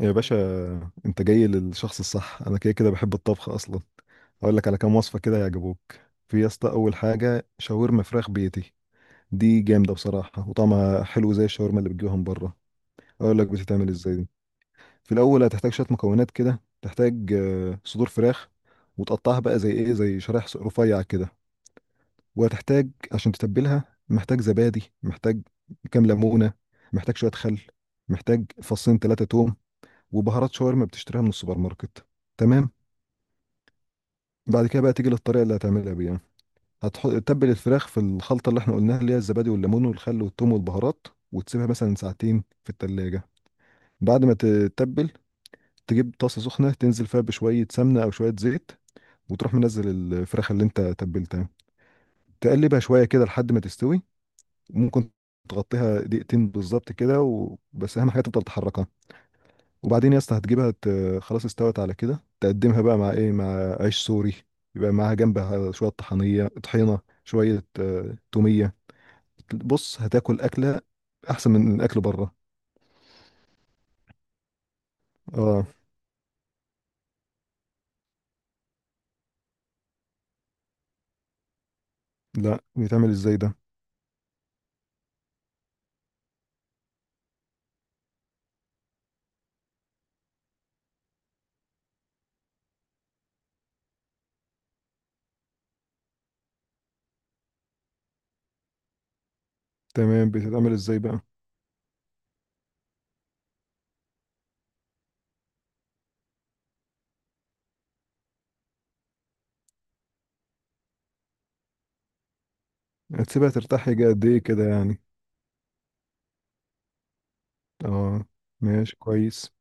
يا باشا، انت جاي للشخص الصح. انا كده كده بحب الطبخ اصلا. هقول لك على كام وصفه كده يعجبوك. في يا اسطى، اول حاجه شاورما فراخ بيتي. دي جامده بصراحه وطعمها حلو زي الشاورما اللي بتجيبها من بره. اقول لك بتتعمل ازاي دي. في الاول هتحتاج شويه مكونات كده. تحتاج صدور فراخ وتقطعها بقى زي شرايح رفيع كده. وهتحتاج عشان تتبلها، محتاج زبادي، محتاج كام ليمونه، محتاج شويه خل، محتاج فصين 3 توم، وبهارات شاورما بتشتريها من السوبر ماركت. تمام. بعد كده بقى تيجي للطريقه اللي هتعملها بيها. هتحط تتبل الفراخ في الخلطه اللي احنا قلناها، اللي هي الزبادي والليمون والخل والثوم والبهارات، وتسيبها مثلا ساعتين في التلاجة. بعد ما تتبل، تجيب طاسه سخنه تنزل فيها بشويه سمنه او شويه زيت، وتروح منزل الفراخ اللي انت تبلتها. تقلبها شويه كده لحد ما تستوي. ممكن تغطيها دقيقتين بالظبط كده وبس. اهم حاجه تفضل تحركها. وبعدين يا اسطى هتجيبها. خلاص، استوت على كده. تقدمها بقى مع عيش سوري. يبقى معاها جنبها شوية طحنية شوية تومية. بص هتاكل أكلة أحسن من أكل بره. اه. لا، بيتعمل ازاي ده؟ تمام. بتتعمل ازاي بقى؟ هتسيبها ترتاح يجي قد ايه كده يعني؟ اه. ماشي، كويس.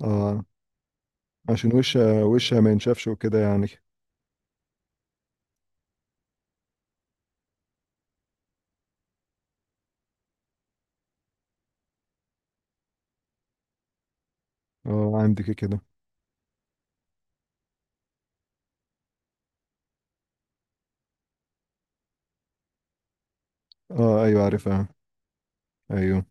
اه، عشان وشها ما ينشفش وكده يعني. اه، عندك كده. اه، ايوه، عارفها. ايوه.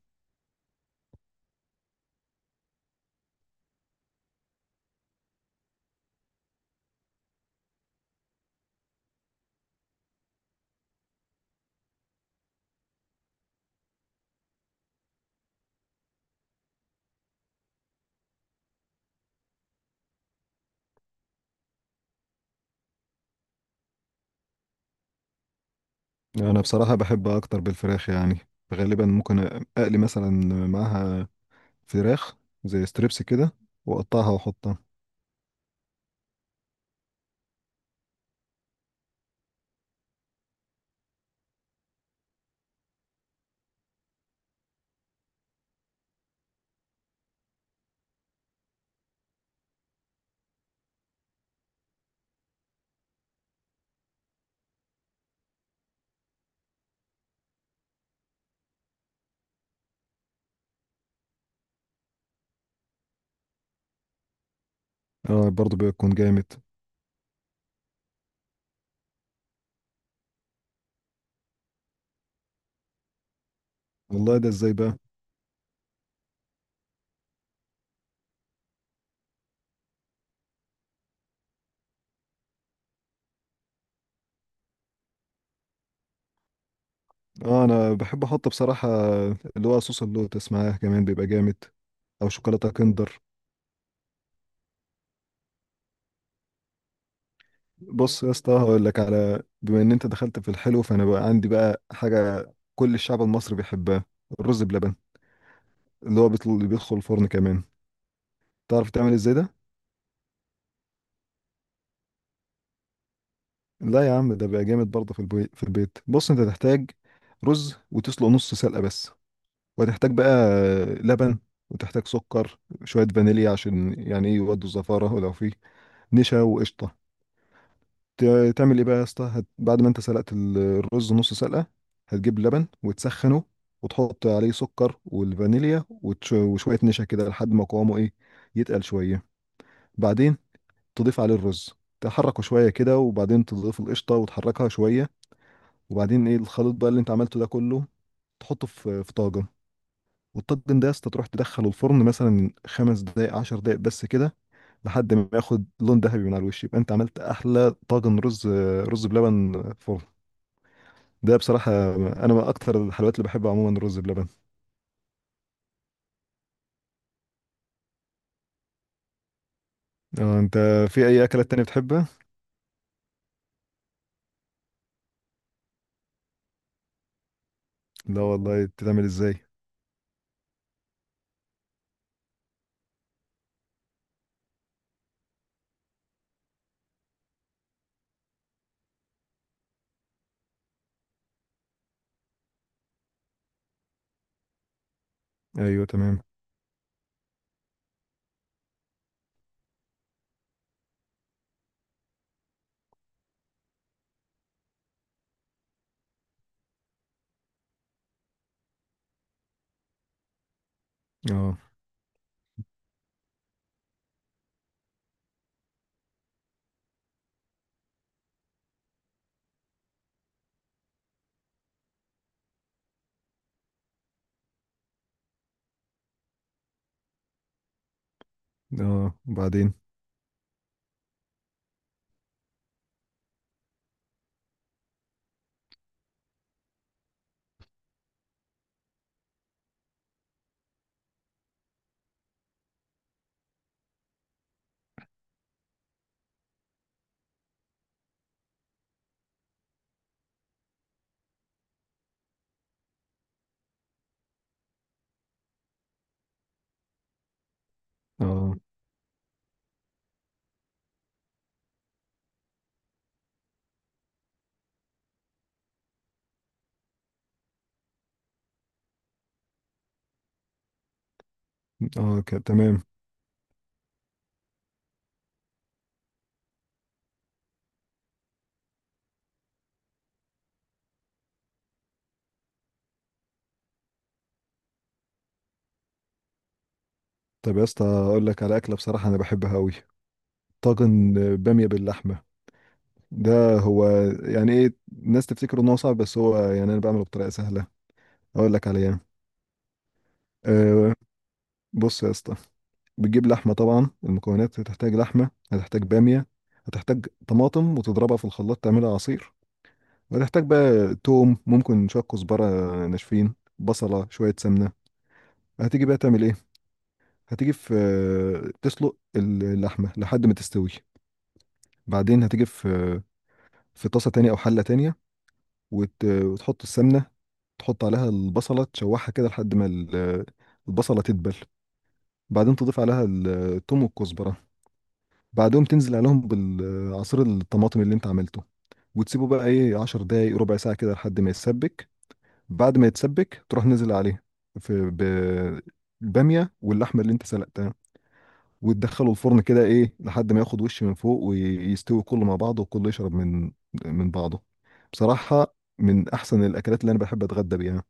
انا بصراحه بحب اكتر بالفراخ يعني. غالبا ممكن اقلي مثلا معاها فراخ زي ستريبس كده، واقطعها واحطها. اه، برضو بيكون جامد. والله، ده ازاي بقى؟ اه، انا بحب احط بصراحه اللي هو صوص اللوتس معاها كمان بيبقى جامد، او شوكولاته كندر. بص يا اسطى، هقول لك بما ان انت دخلت في الحلو، فانا بقى عندي بقى حاجه كل الشعب المصري بيحبها: الرز بلبن، اللي بيدخل الفرن كمان. تعرف تعمل ازاي ده؟ لا يا عم، ده بقى جامد برضه. في البيت في البيت، بص انت تحتاج رز وتسلق نص سلقة بس، وتحتاج بقى لبن، وتحتاج سكر، شوية فانيليا عشان يعني ايه يودوا الزفارة، ولو فيه نشا وقشطة. تعمل ايه بقى يا اسطى؟ بعد ما انت سلقت الرز نص سلقة، هتجيب لبن وتسخنه، وتحط عليه سكر والفانيليا وشوية نشا كده لحد ما قوامه ايه، يتقل شوية. بعدين تضيف عليه الرز، تحركه شوية كده، وبعدين تضيف القشطة وتحركها شوية. وبعدين ايه، الخليط بقى اللي انت عملته ده كله تحطه في طاجن. والطاجن ده يا اسطى تروح تدخله الفرن مثلا 5 دقايق 10 دقايق بس كده، لحد ما ياخد لون ذهبي من على الوش. يبقى انت عملت احلى طاجن رز، رز بلبن فرن. ده بصراحة أنا من أكتر الحلويات اللي بحبها عموما الرز بلبن. اه. أنت في أي أكلات تانية بتحبها؟ لا والله، بتتعمل إزاي؟ أيوه، تمام. اه. اه، وبعدين. اه. اه، تمام. طب يا اسطى، أقول لك على أكلة بصراحة أنا بحبها أوي: طاجن بامية باللحمة. ده هو يعني ايه، الناس تفتكر ان هو صعب، بس هو يعني انا بعمله بطريقه سهله. اقول لك عليها. أه. بص يا اسطى، بتجيب لحمه. طبعا المكونات: هتحتاج لحمه، هتحتاج باميه، هتحتاج طماطم وتضربها في الخلاط تعملها عصير، وهتحتاج بقى توم، ممكن شويه كزبره ناشفين، بصله، شويه سمنه. هتيجي بقى تعمل ايه؟ هتيجي في آه، تسلق اللحمه لحد ما تستوي. بعدين هتيجي في طاسه تانية او حله تانية، وتحط السمنه. تحط عليها البصلة تشوحها كده لحد ما البصلة تدبل. بعدين تضيف عليها الثوم والكزبرة، بعدهم تنزل عليهم بالعصير الطماطم اللي انت عملته، وتسيبه بقى ايه 10 دقايق ربع ساعة كده لحد ما يتسبك. بعد ما يتسبك، تروح نزل عليه في بالبامية واللحمة اللي انت سلقتها، وتدخله الفرن كده ايه لحد ما ياخد وش من فوق ويستوي كله مع بعضه، وكله يشرب من بعضه. بصراحة من احسن الاكلات اللي انا بحب اتغدى بيها.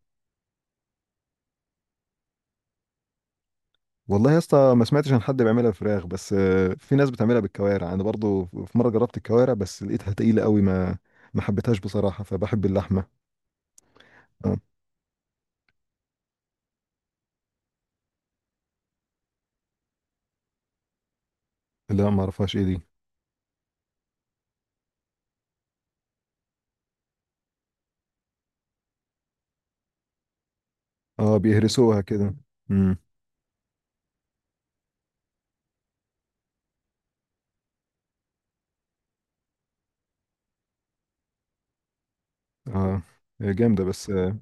والله يا اسطى، ما سمعتش عن حد بيعملها بفراخ، بس في ناس بتعملها بالكوارع. انا برضو في مره جربت الكوارع بس لقيتها تقيله قوي، ما حبيتهاش بصراحه، فبحب اللحمه. اه. لا، ما اعرفهاش. ايه دي؟ اه، بيهرسوها كده. امم. اه، هي جامده بس.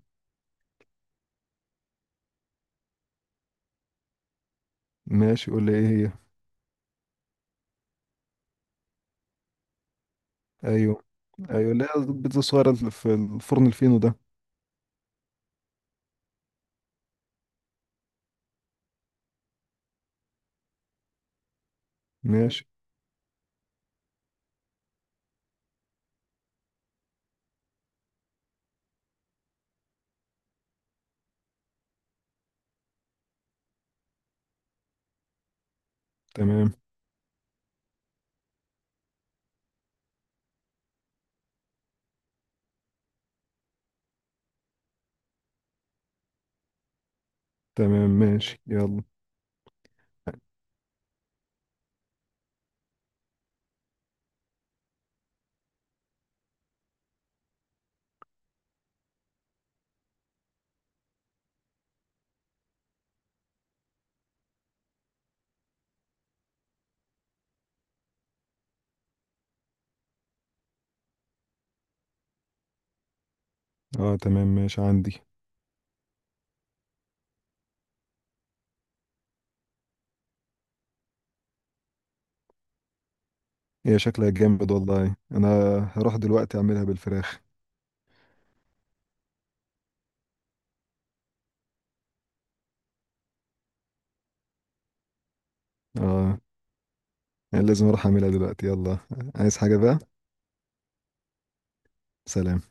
ماشي، قول لي ايه هي. ايوه. ايوه، لا، البيتزا الصغيره اللي في الفرن الفينو ده. ماشي. تمام. تمام، ماشي، يلا. اه، تمام، ماشي، عندي. هي شكلها جامد والله، انا هروح دلوقتي اعملها بالفراخ. اه، لازم اروح اعملها دلوقتي، يلا. عايز حاجة بقى؟ سلام.